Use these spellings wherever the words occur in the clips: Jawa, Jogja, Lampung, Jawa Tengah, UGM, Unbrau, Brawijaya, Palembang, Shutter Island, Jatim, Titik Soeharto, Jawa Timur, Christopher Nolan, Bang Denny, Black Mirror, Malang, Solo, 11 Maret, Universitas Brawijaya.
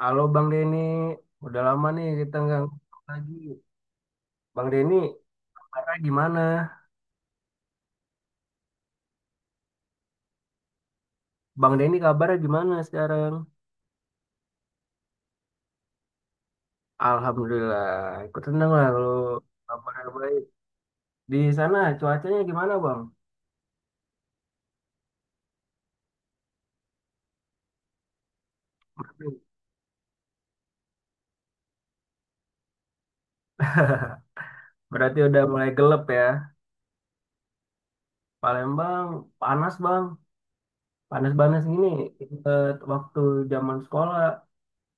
Halo Bang Denny, udah lama nih kita nggak ngobrol lagi. Bang Denny, kabarnya gimana? Bang Denny kabarnya gimana sekarang? Alhamdulillah, ikut tenang lah kalau kabarnya baik. Di sana cuacanya gimana Bang? Berarti udah mulai gelap ya. Palembang panas Bang, panas-panas gini. Ingat waktu zaman sekolah,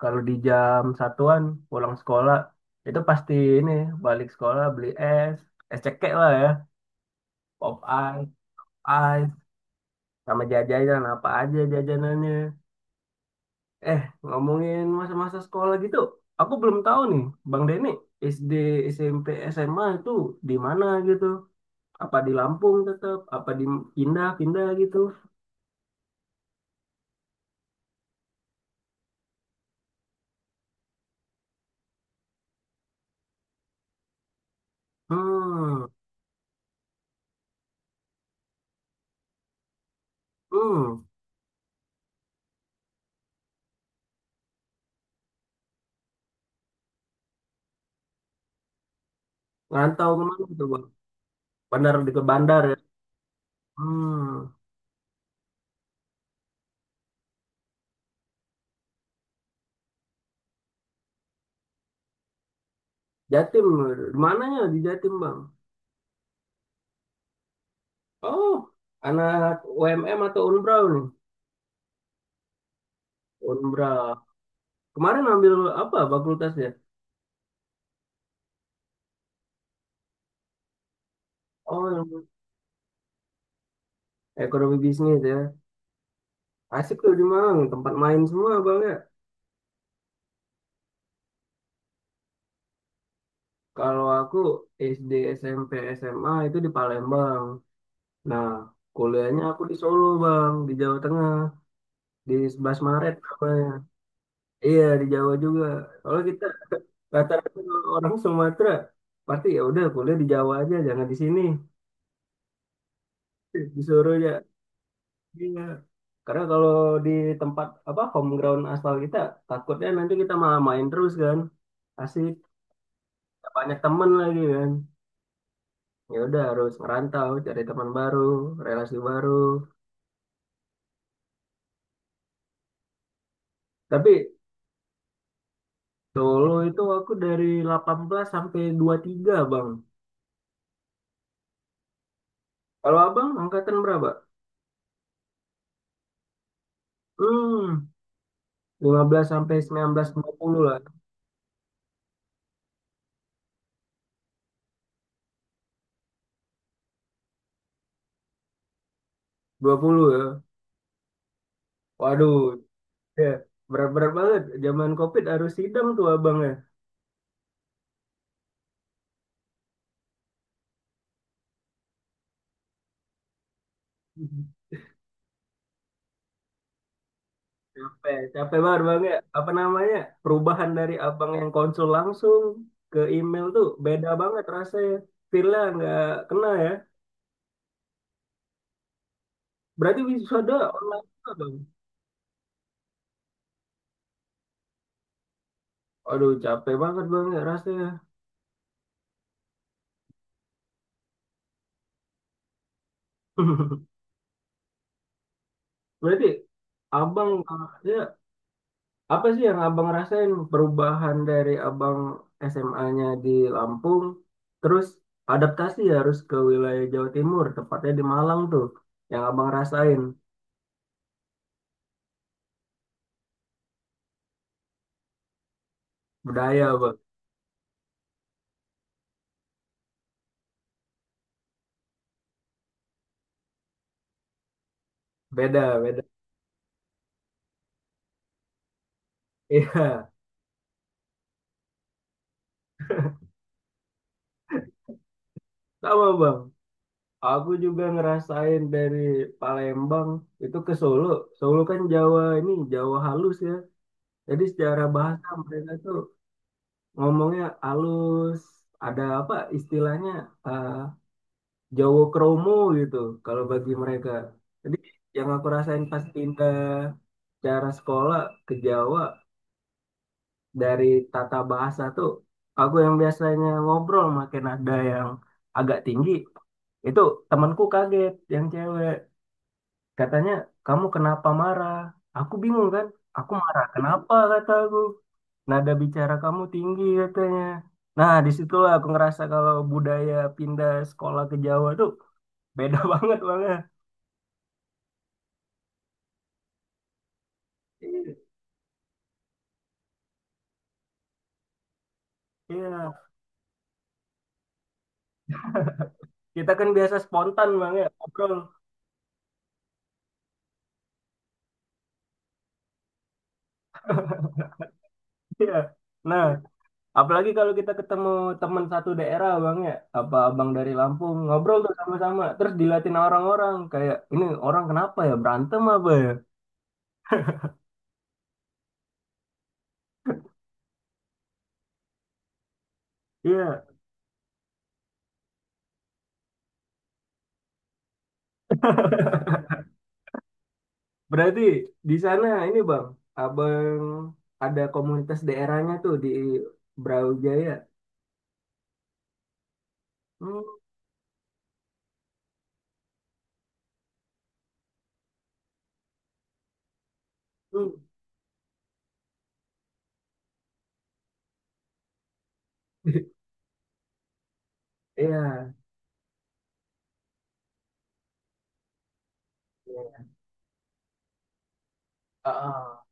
kalau di jam satuan pulang sekolah, itu pasti ini balik sekolah beli es, es cekek lah ya, pop ice. Sama jajanan apa aja jajanannya, eh, ngomongin masa-masa sekolah gitu, aku belum tahu nih Bang Deni SD SMP SMA itu di mana gitu, apa di Lampung tetap apa di pindah-pindah gitu. Hmm. Hmm. Ngantau kemana gitu Bang? Bandar, di ke Bandar ya? Hmm. Jatim, di mananya di Jatim Bang? Oh, anak UMM atau Unbrau nih? Unbrau. Kemarin ambil apa fakultasnya? Oh, yang ekonomi bisnis ya? Asik tuh di Malang, tempat main semua bang ya. Kalau aku SD, SMP, SMA itu di Palembang. Nah, kuliahnya aku di Solo bang, di Jawa Tengah, di 11 Maret namanya. Iya di Jawa juga. Kalau kita rata-rata kalau orang Sumatera, pasti ya udah kuliah di Jawa aja, jangan di sini. Disuruh ya. Iya. Karena kalau di tempat apa home ground asal kita, takutnya nanti kita malah main terus kan. Asik, banyak temen lagi kan. Ya udah harus merantau cari teman baru, relasi baru, tapi Solo itu aku dari 18 sampai 23 bang. Kalau abang angkatan berapa? Hmm, 15 sampai 19 20 lah. 20 ya. Waduh, ya, berat-berat banget zaman COVID harus sidang tuh abang ya. Capek, capek banget bang ya, apa namanya, perubahan dari abang yang konsul langsung ke email tuh beda banget rasanya, feel-nya nggak kena ya. Berarti wisuda online juga, bang? Aduh, capek banget bang ya rasanya. Berarti abang, ya, apa sih yang abang rasain perubahan dari abang SMA-nya di Lampung, terus adaptasi harus ke wilayah Jawa Timur, tepatnya di Malang tuh, yang abang rasain? Budaya bang, beda beda. Iya, sama bang. Aku juga ngerasain dari Palembang itu ke Solo. Solo kan Jawa ini Jawa halus ya. Jadi secara bahasa mereka tuh ngomongnya halus, ada apa istilahnya, eh Jawa kromo gitu kalau bagi mereka. Jadi yang aku rasain pas pindah cara sekolah ke Jawa dari tata bahasa tuh, aku yang biasanya ngobrol makin ada yang agak tinggi itu, temanku kaget yang cewek. Katanya, kamu kenapa marah? Aku bingung kan? Aku marah. Kenapa kata aku? Nada bicara kamu tinggi katanya. Nah, disitulah aku ngerasa kalau budaya pindah sekolah ke Jawa tuh beda banget Bang ya. Iya. Kita kan biasa spontan Bang ya, ngobrol. Iya. Nah, apalagi kalau kita ketemu teman satu daerah Bang ya, apa abang dari Lampung, ngobrol tuh sama-sama. Terus dilatih orang-orang kayak, ini orang kenapa ya? Berantem apa ya? Iya. Berarti di sana ini Bang, Abang ada komunitas daerahnya tuh di Brawijaya. Hmm. Hmm. Iya. Iya. Ah, ah.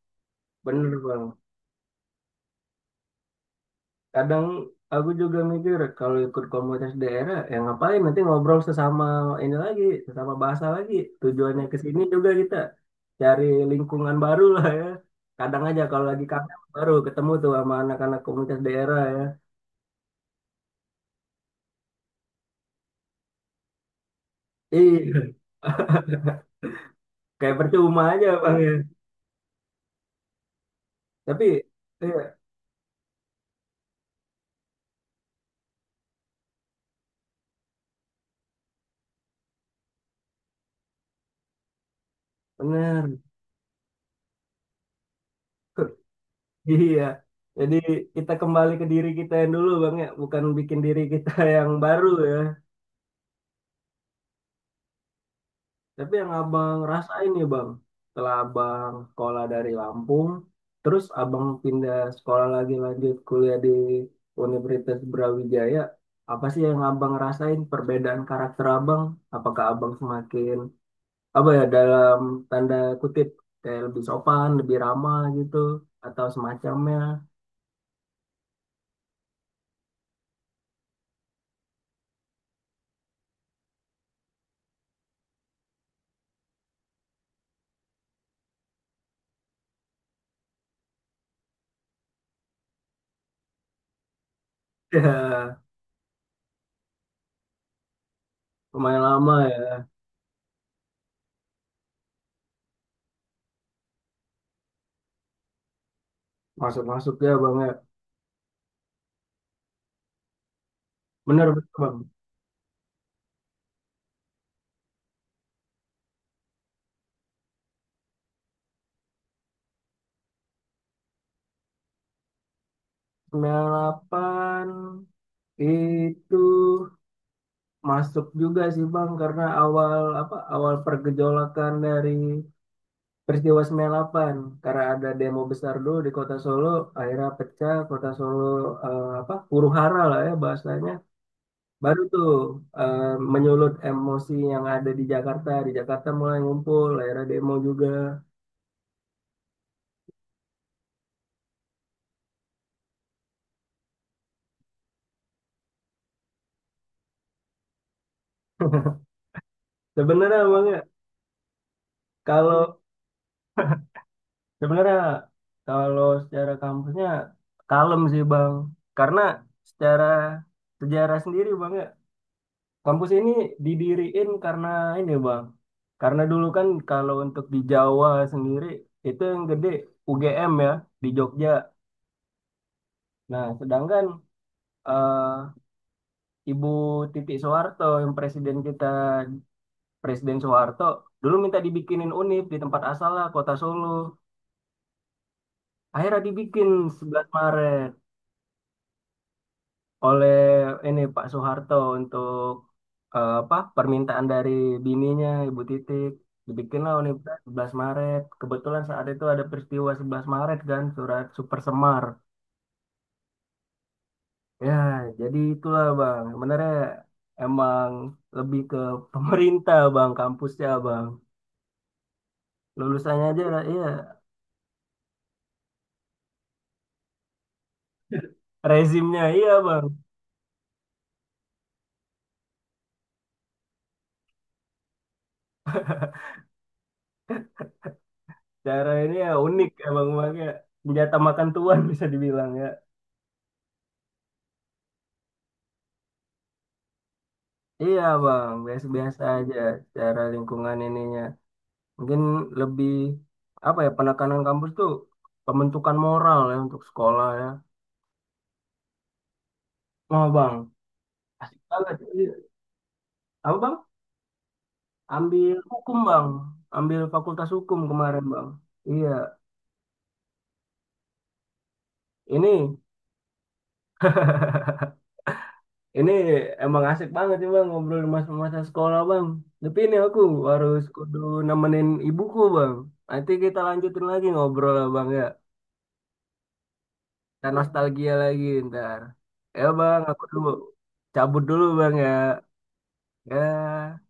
Bener Bang. Kadang aku juga mikir kalau ikut komunitas daerah, ya ngapain nanti ngobrol sesama ini lagi, sesama bahasa lagi. Tujuannya ke sini juga kita cari lingkungan baru lah ya. Kadang aja kalau lagi kangen baru ketemu tuh sama anak-anak komunitas daerah ya. Iya, kayak percuma aja Bang ya. Tapi, iya, bener. Iya. Jadi kita kembali ke diri kita yang dulu Bang ya, bukan bikin diri kita yang baru ya. Tapi yang Abang rasain nih Bang, setelah Abang sekolah dari Lampung, terus Abang pindah sekolah lagi lanjut kuliah di Universitas Brawijaya, apa sih yang Abang rasain perbedaan karakter Abang? Apakah Abang semakin apa ya, dalam tanda kutip, kayak lebih sopan, lebih ramah gitu atau semacamnya? Ya, lumayan lama. Masuk-masuk ya Bang ya. Benar benar, Bang. 98 itu masuk juga sih Bang karena awal apa awal pergejolakan dari peristiwa 98, karena ada demo besar dulu di Kota Solo, akhirnya pecah Kota Solo, apa huru hara lah ya bahasanya, baru tuh, eh, menyulut emosi yang ada di Jakarta mulai ngumpul akhirnya demo juga. Sebenarnya Bang ya, kalau Sebenarnya kalau secara kampusnya kalem sih Bang. Karena secara sejarah sendiri Bang ya, kampus ini didiriin karena ini Bang. Karena dulu kan kalau untuk di Jawa sendiri itu yang gede UGM ya di Jogja. Nah, sedangkan eh, Ibu Titik Soeharto yang presiden kita Presiden Soeharto dulu minta dibikinin UNIF di tempat asalnya Kota Solo. Akhirnya dibikin 11 Maret oleh ini Pak Soeharto untuk apa permintaan dari bininya Ibu Titik, dibikinlah Universitas 11 Maret. Kebetulan saat itu ada peristiwa 11 Maret kan, surat Super Semar ya. Jadi itulah Bang sebenarnya emang lebih ke pemerintah Bang kampusnya Bang, lulusannya aja iya, rezimnya iya Bang. Cara ini ya unik emang, makanya senjata makan tuan bisa dibilang ya. Iya bang, biasa-biasa aja secara lingkungan ininya. Mungkin lebih apa ya, penekanan kampus tuh pembentukan moral ya untuk sekolah ya. Oh bang, asik banget. Iya. Apa bang? Ambil hukum bang, ambil fakultas hukum kemarin bang. Iya, ini ini emang asik banget sih bang ngobrol masa-masa sekolah bang. Tapi ini aku harus kudu nemenin ibuku bang. Nanti kita lanjutin lagi ngobrol lah bang ya. Dan nostalgia lagi ntar. Ya bang, aku dulu cabut dulu bang ya. Ya.